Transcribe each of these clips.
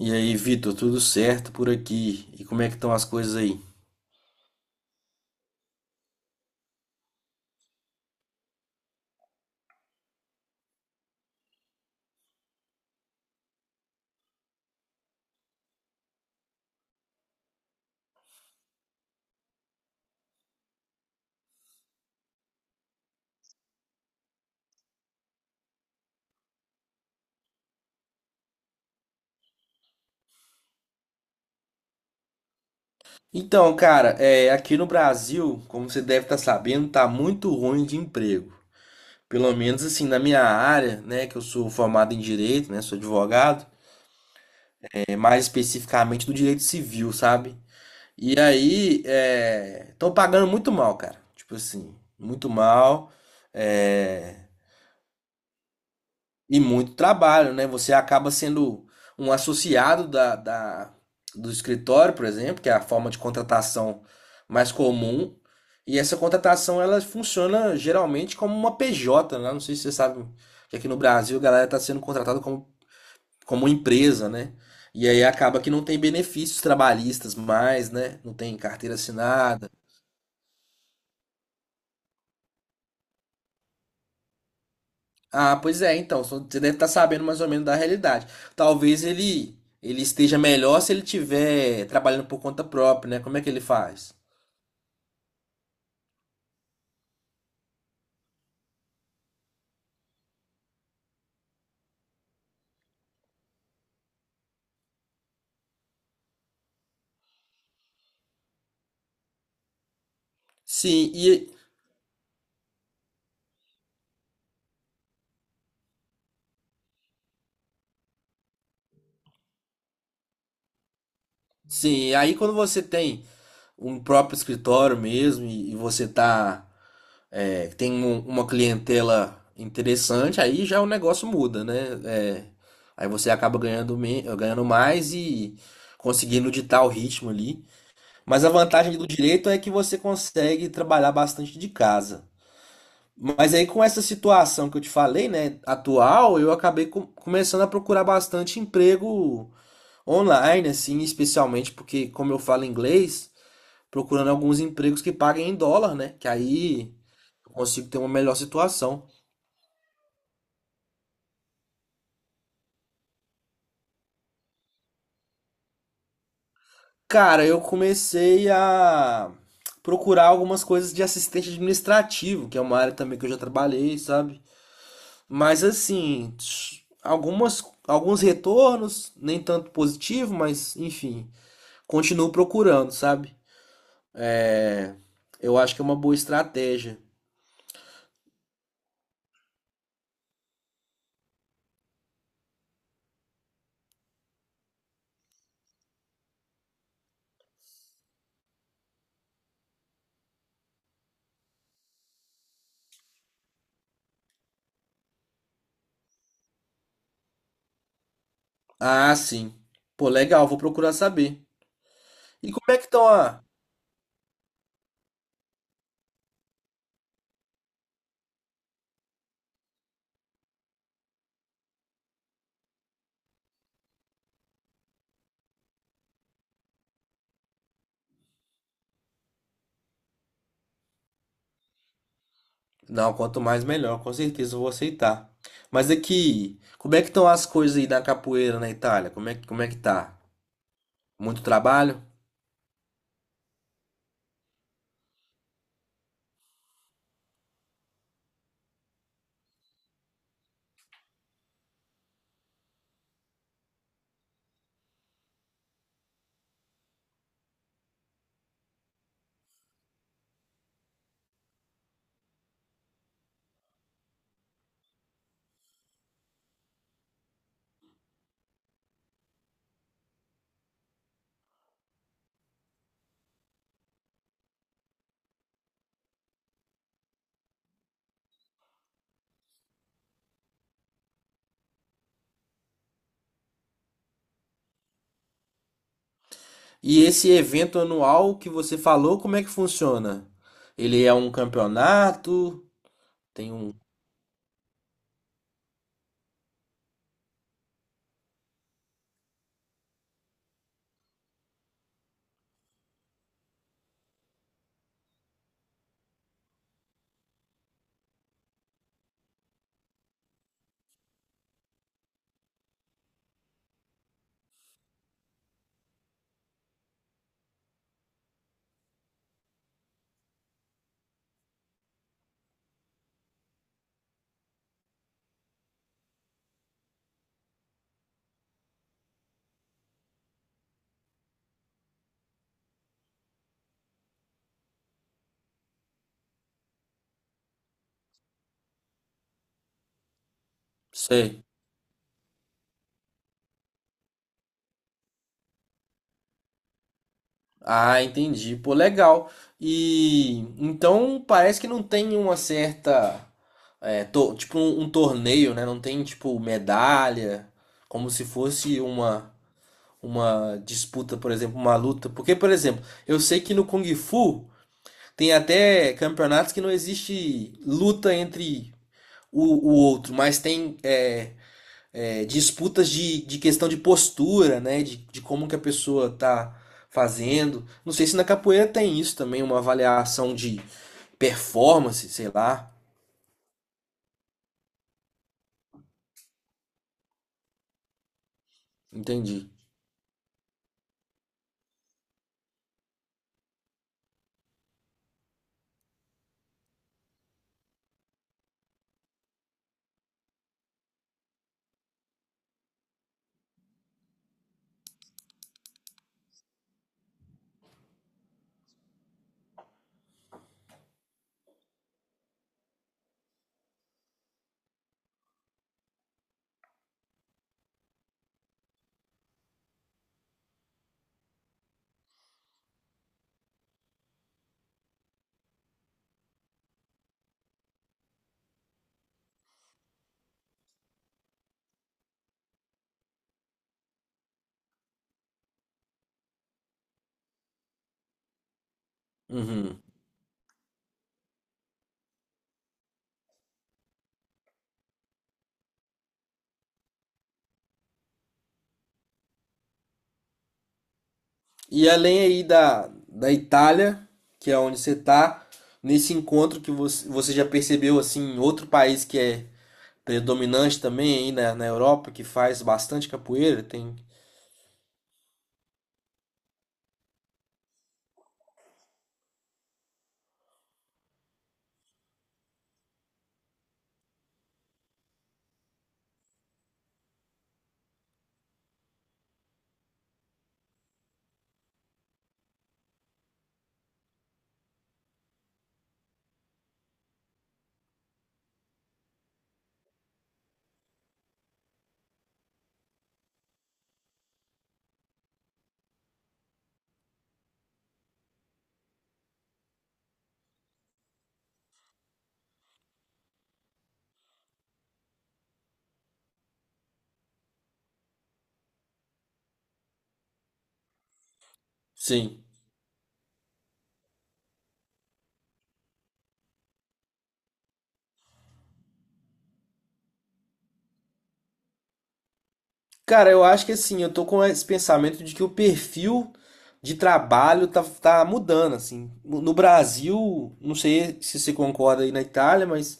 E aí, Vitor, tudo certo por aqui? E como é que estão as coisas aí? Então, cara, aqui no Brasil, como você deve estar sabendo, tá muito ruim de emprego. Pelo menos assim, na minha área, né, que eu sou formado em direito, né, sou advogado, mais especificamente do direito civil, sabe? E aí, estão pagando muito mal, cara. Tipo assim, muito mal. É, E muito trabalho, né? Você acaba sendo um associado do escritório, por exemplo, que é a forma de contratação mais comum. E essa contratação ela funciona geralmente como uma PJ, né? Não sei se você sabe que aqui no Brasil a galera está sendo contratada como empresa, né? E aí acaba que não tem benefícios trabalhistas mais, né? Não tem carteira assinada. Ah, pois é, então, você deve estar sabendo mais ou menos da realidade. Talvez ele esteja melhor se ele estiver trabalhando por conta própria, né? Como é que ele faz? Sim, e sim, e aí quando você tem um próprio escritório mesmo e você tá tem uma clientela interessante, aí já o negócio muda, né? É, aí você acaba ganhando mais e conseguindo ditar o ritmo ali. Mas a vantagem do direito é que você consegue trabalhar bastante de casa. Mas aí, com essa situação que eu te falei, né, atual, eu acabei começando a procurar bastante emprego online, assim, especialmente porque, como eu falo inglês, procurando alguns empregos que paguem em dólar, né, que aí eu consigo ter uma melhor situação. Cara, eu comecei a procurar algumas coisas de assistente administrativo, que é uma área também que eu já trabalhei, sabe? Mas assim, algumas, alguns retornos, nem tanto positivo, mas enfim. Continuo procurando, sabe? É, eu acho que é uma boa estratégia. Ah, sim. Pô, legal, vou procurar saber. E como é que estão a... Não, quanto mais melhor, com certeza eu vou aceitar. Mas aqui, como é que estão as coisas aí da capoeira na Itália? Como é que tá? Muito trabalho? E esse evento anual que você falou, como é que funciona? Ele é um campeonato? Tem um... Sei. Ah, entendi. Pô, legal. E então parece que não tem uma certa, tipo um torneio, né? Não tem tipo medalha, como se fosse uma disputa, por exemplo, uma luta. Porque, por exemplo, eu sei que no Kung Fu tem até campeonatos que não existe luta entre o, o outro, mas tem disputas de questão de postura, né? De como que a pessoa tá fazendo. Não sei se na capoeira tem isso também, uma avaliação de performance, sei lá. Entendi. Uhum. E além aí da Itália, que é onde você tá, nesse encontro que você já percebeu, assim, outro país que é predominante também aí na Europa, que faz bastante capoeira, tem... Sim. Cara, eu acho que assim, eu tô com esse pensamento de que o perfil de trabalho tá mudando, assim. No Brasil, não sei se você concorda aí na Itália, mas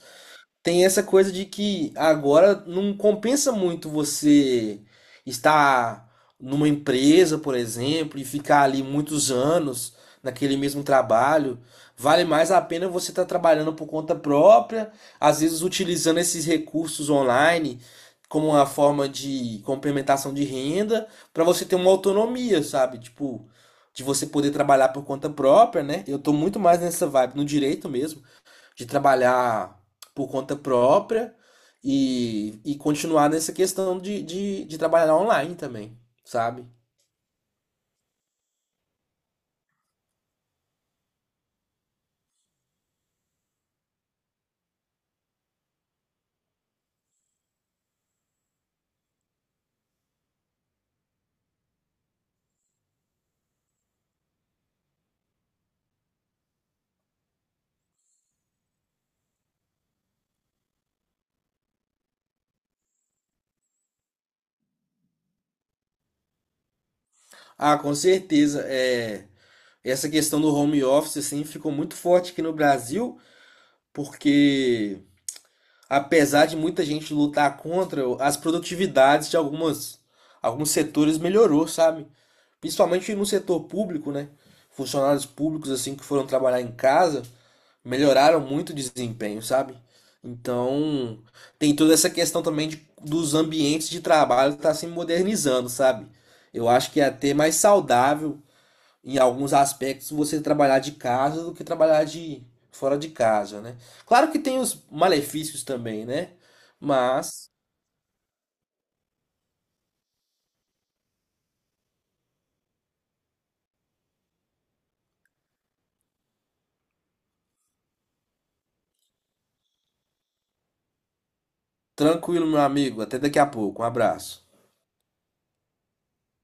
tem essa coisa de que agora não compensa muito você estar numa empresa, por exemplo, e ficar ali muitos anos naquele mesmo trabalho. Vale mais a pena você estar trabalhando por conta própria, às vezes utilizando esses recursos online como uma forma de complementação de renda, para você ter uma autonomia, sabe? Tipo, de você poder trabalhar por conta própria, né? Eu tô muito mais nessa vibe, no direito mesmo de trabalhar por conta própria e continuar nessa questão de trabalhar online também, sabe? Ah, com certeza. É, essa questão do home office assim, ficou muito forte aqui no Brasil, porque apesar de muita gente lutar contra, as produtividades de alguns setores melhorou, sabe? Principalmente no setor público, né? Funcionários públicos assim que foram trabalhar em casa melhoraram muito o desempenho, sabe? Então, tem toda essa questão também dos ambientes de trabalho que está se modernizando, sabe? Eu acho que é até mais saudável em alguns aspectos você trabalhar de casa do que trabalhar de fora de casa, né? Claro que tem os malefícios também, né? Mas tranquilo, meu amigo, até daqui a pouco. Um abraço.